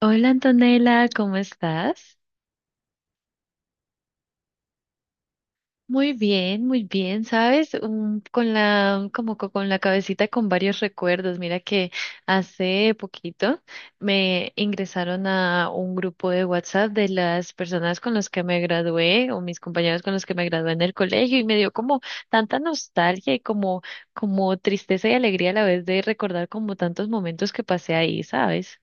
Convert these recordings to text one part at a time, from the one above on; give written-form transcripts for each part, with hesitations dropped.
Hola Antonella, ¿cómo estás? Muy bien, ¿sabes? Con la, con la cabecita con varios recuerdos. Mira que hace poquito me ingresaron a un grupo de WhatsApp de las personas con las que me gradué o mis compañeros con los que me gradué en el colegio y me dio como tanta nostalgia y como tristeza y alegría a la vez de recordar como tantos momentos que pasé ahí, ¿sabes?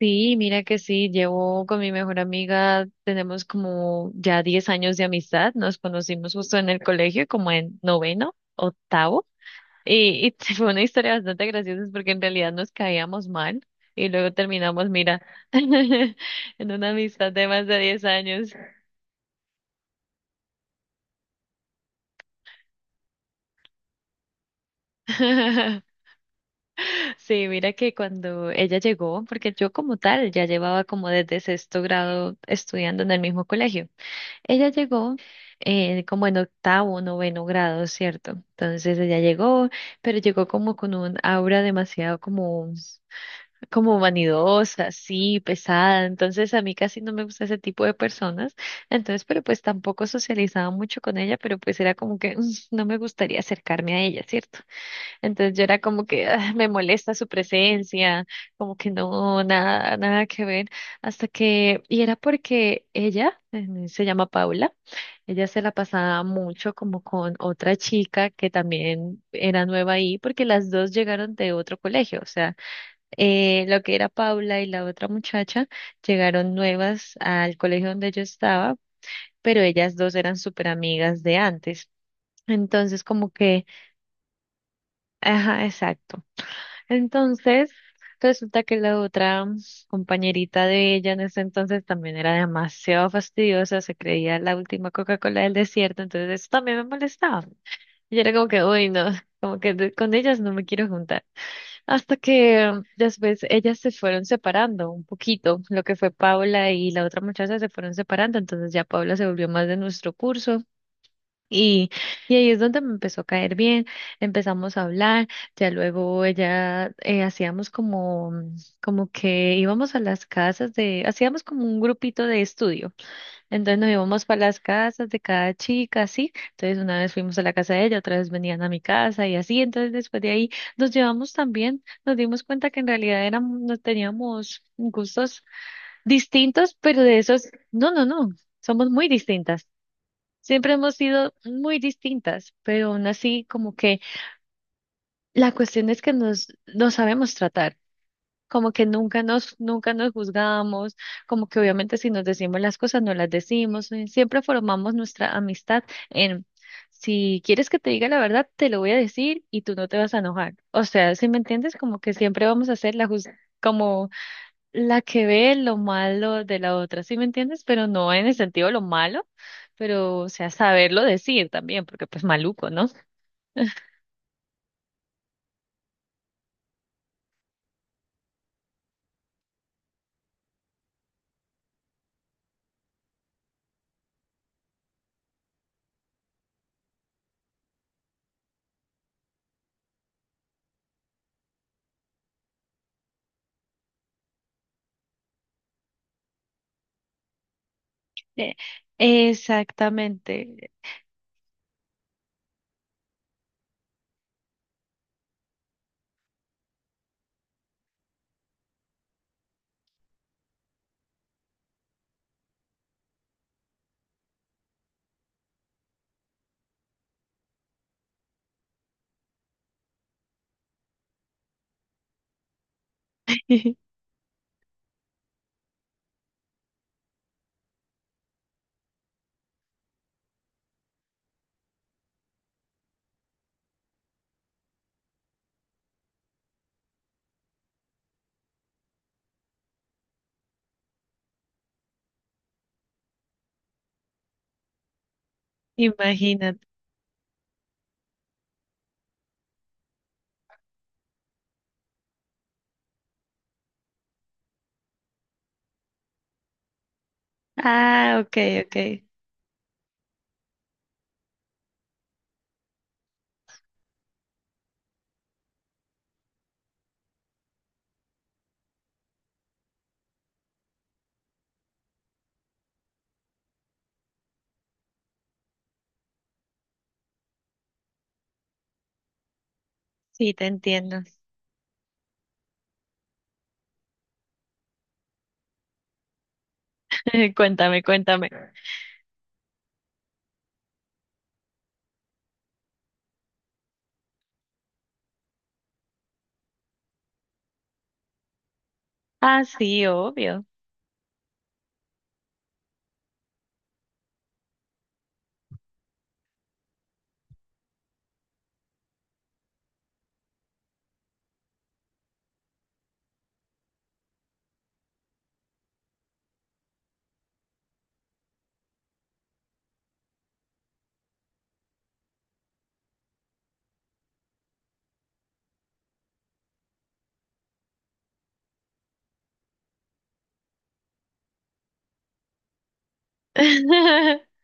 Sí, mira que sí, llevo con mi mejor amiga, tenemos como ya 10 años de amistad, nos conocimos justo en el colegio, como en noveno, octavo, y fue una historia bastante graciosa porque en realidad nos caíamos mal y luego terminamos, mira, en una amistad de más de 10 años. Sí, mira que cuando ella llegó, porque yo como tal ya llevaba como desde sexto grado estudiando en el mismo colegio. Ella llegó como en octavo, noveno grado, ¿cierto? Entonces ella llegó, pero llegó como con un aura demasiado como vanidosa, así, pesada. Entonces a mí casi no me gusta ese tipo de personas. Entonces, pero pues tampoco socializaba mucho con ella, pero pues era como que no me gustaría acercarme a ella, ¿cierto? Entonces yo era como que "Ah, me molesta su presencia, como que no, nada, nada que ver". Hasta que, y era porque ella, se llama Paula, ella se la pasaba mucho como con otra chica que también era nueva ahí, porque las dos llegaron de otro colegio, o sea, lo que era Paula y la otra muchacha llegaron nuevas al colegio donde yo estaba, pero ellas dos eran súper amigas de antes. Entonces como que, ajá, exacto. Entonces, resulta que la otra compañerita de ella en ese entonces también era demasiado fastidiosa, se creía la última Coca-Cola del desierto, entonces eso también me molestaba. Y yo era como que, uy, no, como que con ellas no me quiero juntar. Hasta que después ellas se fueron separando un poquito, lo que fue Paula y la otra muchacha se fueron separando, entonces ya Paula se volvió más de nuestro curso y, y ahí es donde me empezó a caer bien, empezamos a hablar, ya luego ella hacíamos como que íbamos a las casas de, hacíamos como un grupito de estudio, entonces nos íbamos para las casas de cada chica, así, entonces una vez fuimos a la casa de ella, otra vez venían a mi casa y así, entonces después de ahí nos llevamos también, nos dimos cuenta que en realidad éramos, no teníamos gustos distintos, pero de esos, no, no, no, somos muy distintas. Siempre hemos sido muy distintas, pero aún así como que la cuestión es que nos sabemos tratar, como que nunca nos juzgamos, como que obviamente si nos decimos las cosas no las decimos, siempre formamos nuestra amistad en si quieres que te diga la verdad, te lo voy a decir y tú no te vas a enojar. O sea, si me entiendes, como que siempre vamos a hacer la justicia la que ve lo malo de la otra, ¿sí me entiendes? Pero no en el sentido de lo malo, pero, o sea, saberlo decir también, porque pues maluco, ¿no? Eh, Exactamente. Imagínate. Ah, ok, ok. Sí, te entiendo. Cuéntame, cuéntame. Ah, sí, obvio.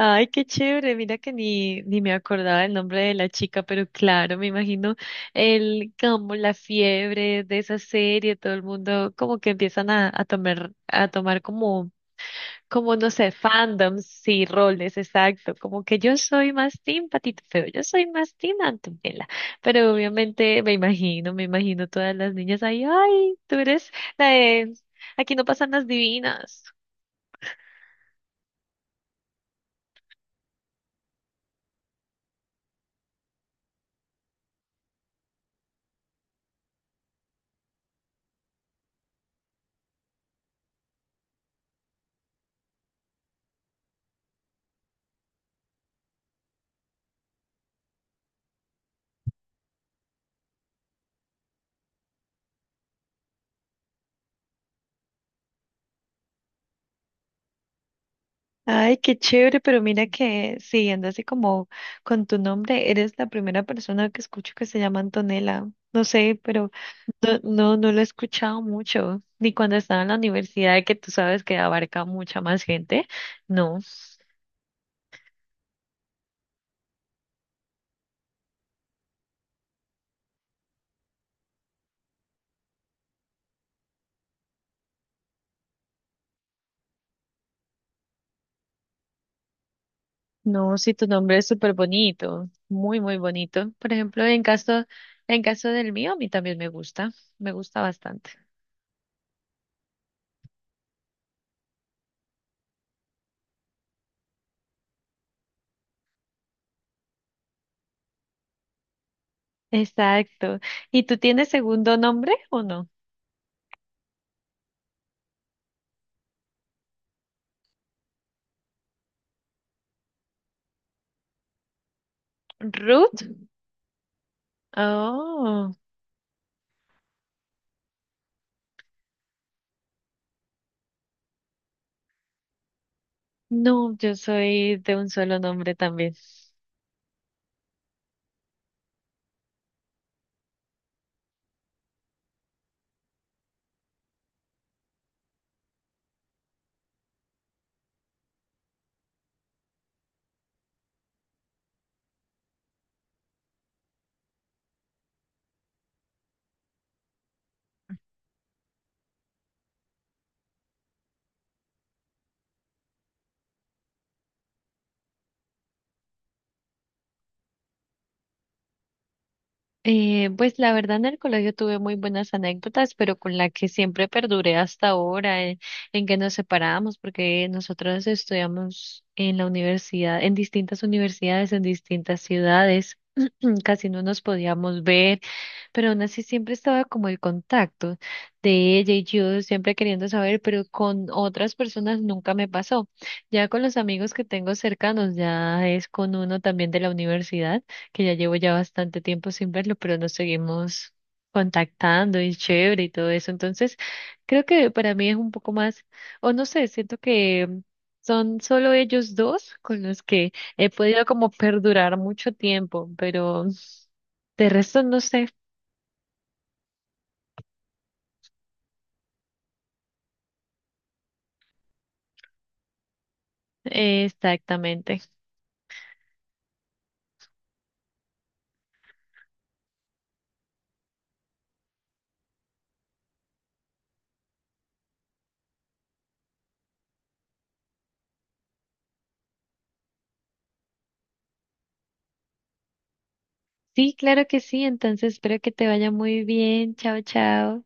Ay, qué chévere. Mira que ni me acordaba el nombre de la chica, pero claro, me imagino el como la fiebre de esa serie, todo el mundo como que empiezan a tomar como no sé, fandoms y roles, exacto. Como que yo soy más team Patito Feo, yo soy más team Antonella. Pero obviamente me imagino todas las niñas ahí, ay, tú eres la de aquí no pasan las divinas. Ay, qué chévere, pero mira que siguiendo así como con tu nombre, eres la primera persona que escucho que se llama Antonella. No sé, pero no, no, no lo he escuchado mucho, ni cuando estaba en la universidad, que tú sabes que abarca mucha más gente. No, no, sí, tu nombre es súper bonito, muy, muy bonito. Por ejemplo, en caso del mío, a mí también me gusta bastante. Exacto. ¿Y tú tienes segundo nombre o no? Ruth. Oh. No, yo soy de un solo nombre también. Pues la verdad en el colegio tuve muy buenas anécdotas, pero con la que siempre perduré hasta ahora, que nos separamos, porque nosotros estudiamos en la universidad, en distintas universidades, en distintas ciudades, casi no nos podíamos ver. Pero aún así siempre estaba como el contacto de ella y yo siempre queriendo saber, pero con otras personas nunca me pasó. Ya con los amigos que tengo cercanos, ya es con uno también de la universidad, que ya llevo ya bastante tiempo sin verlo, pero nos seguimos contactando y chévere y todo eso. Entonces, creo que para mí es un poco más, o no sé, siento que son solo ellos dos con los que he podido como perdurar mucho tiempo, pero de resto no sé. Exactamente. Sí, claro que sí. Entonces espero que te vaya muy bien. Chao, chao.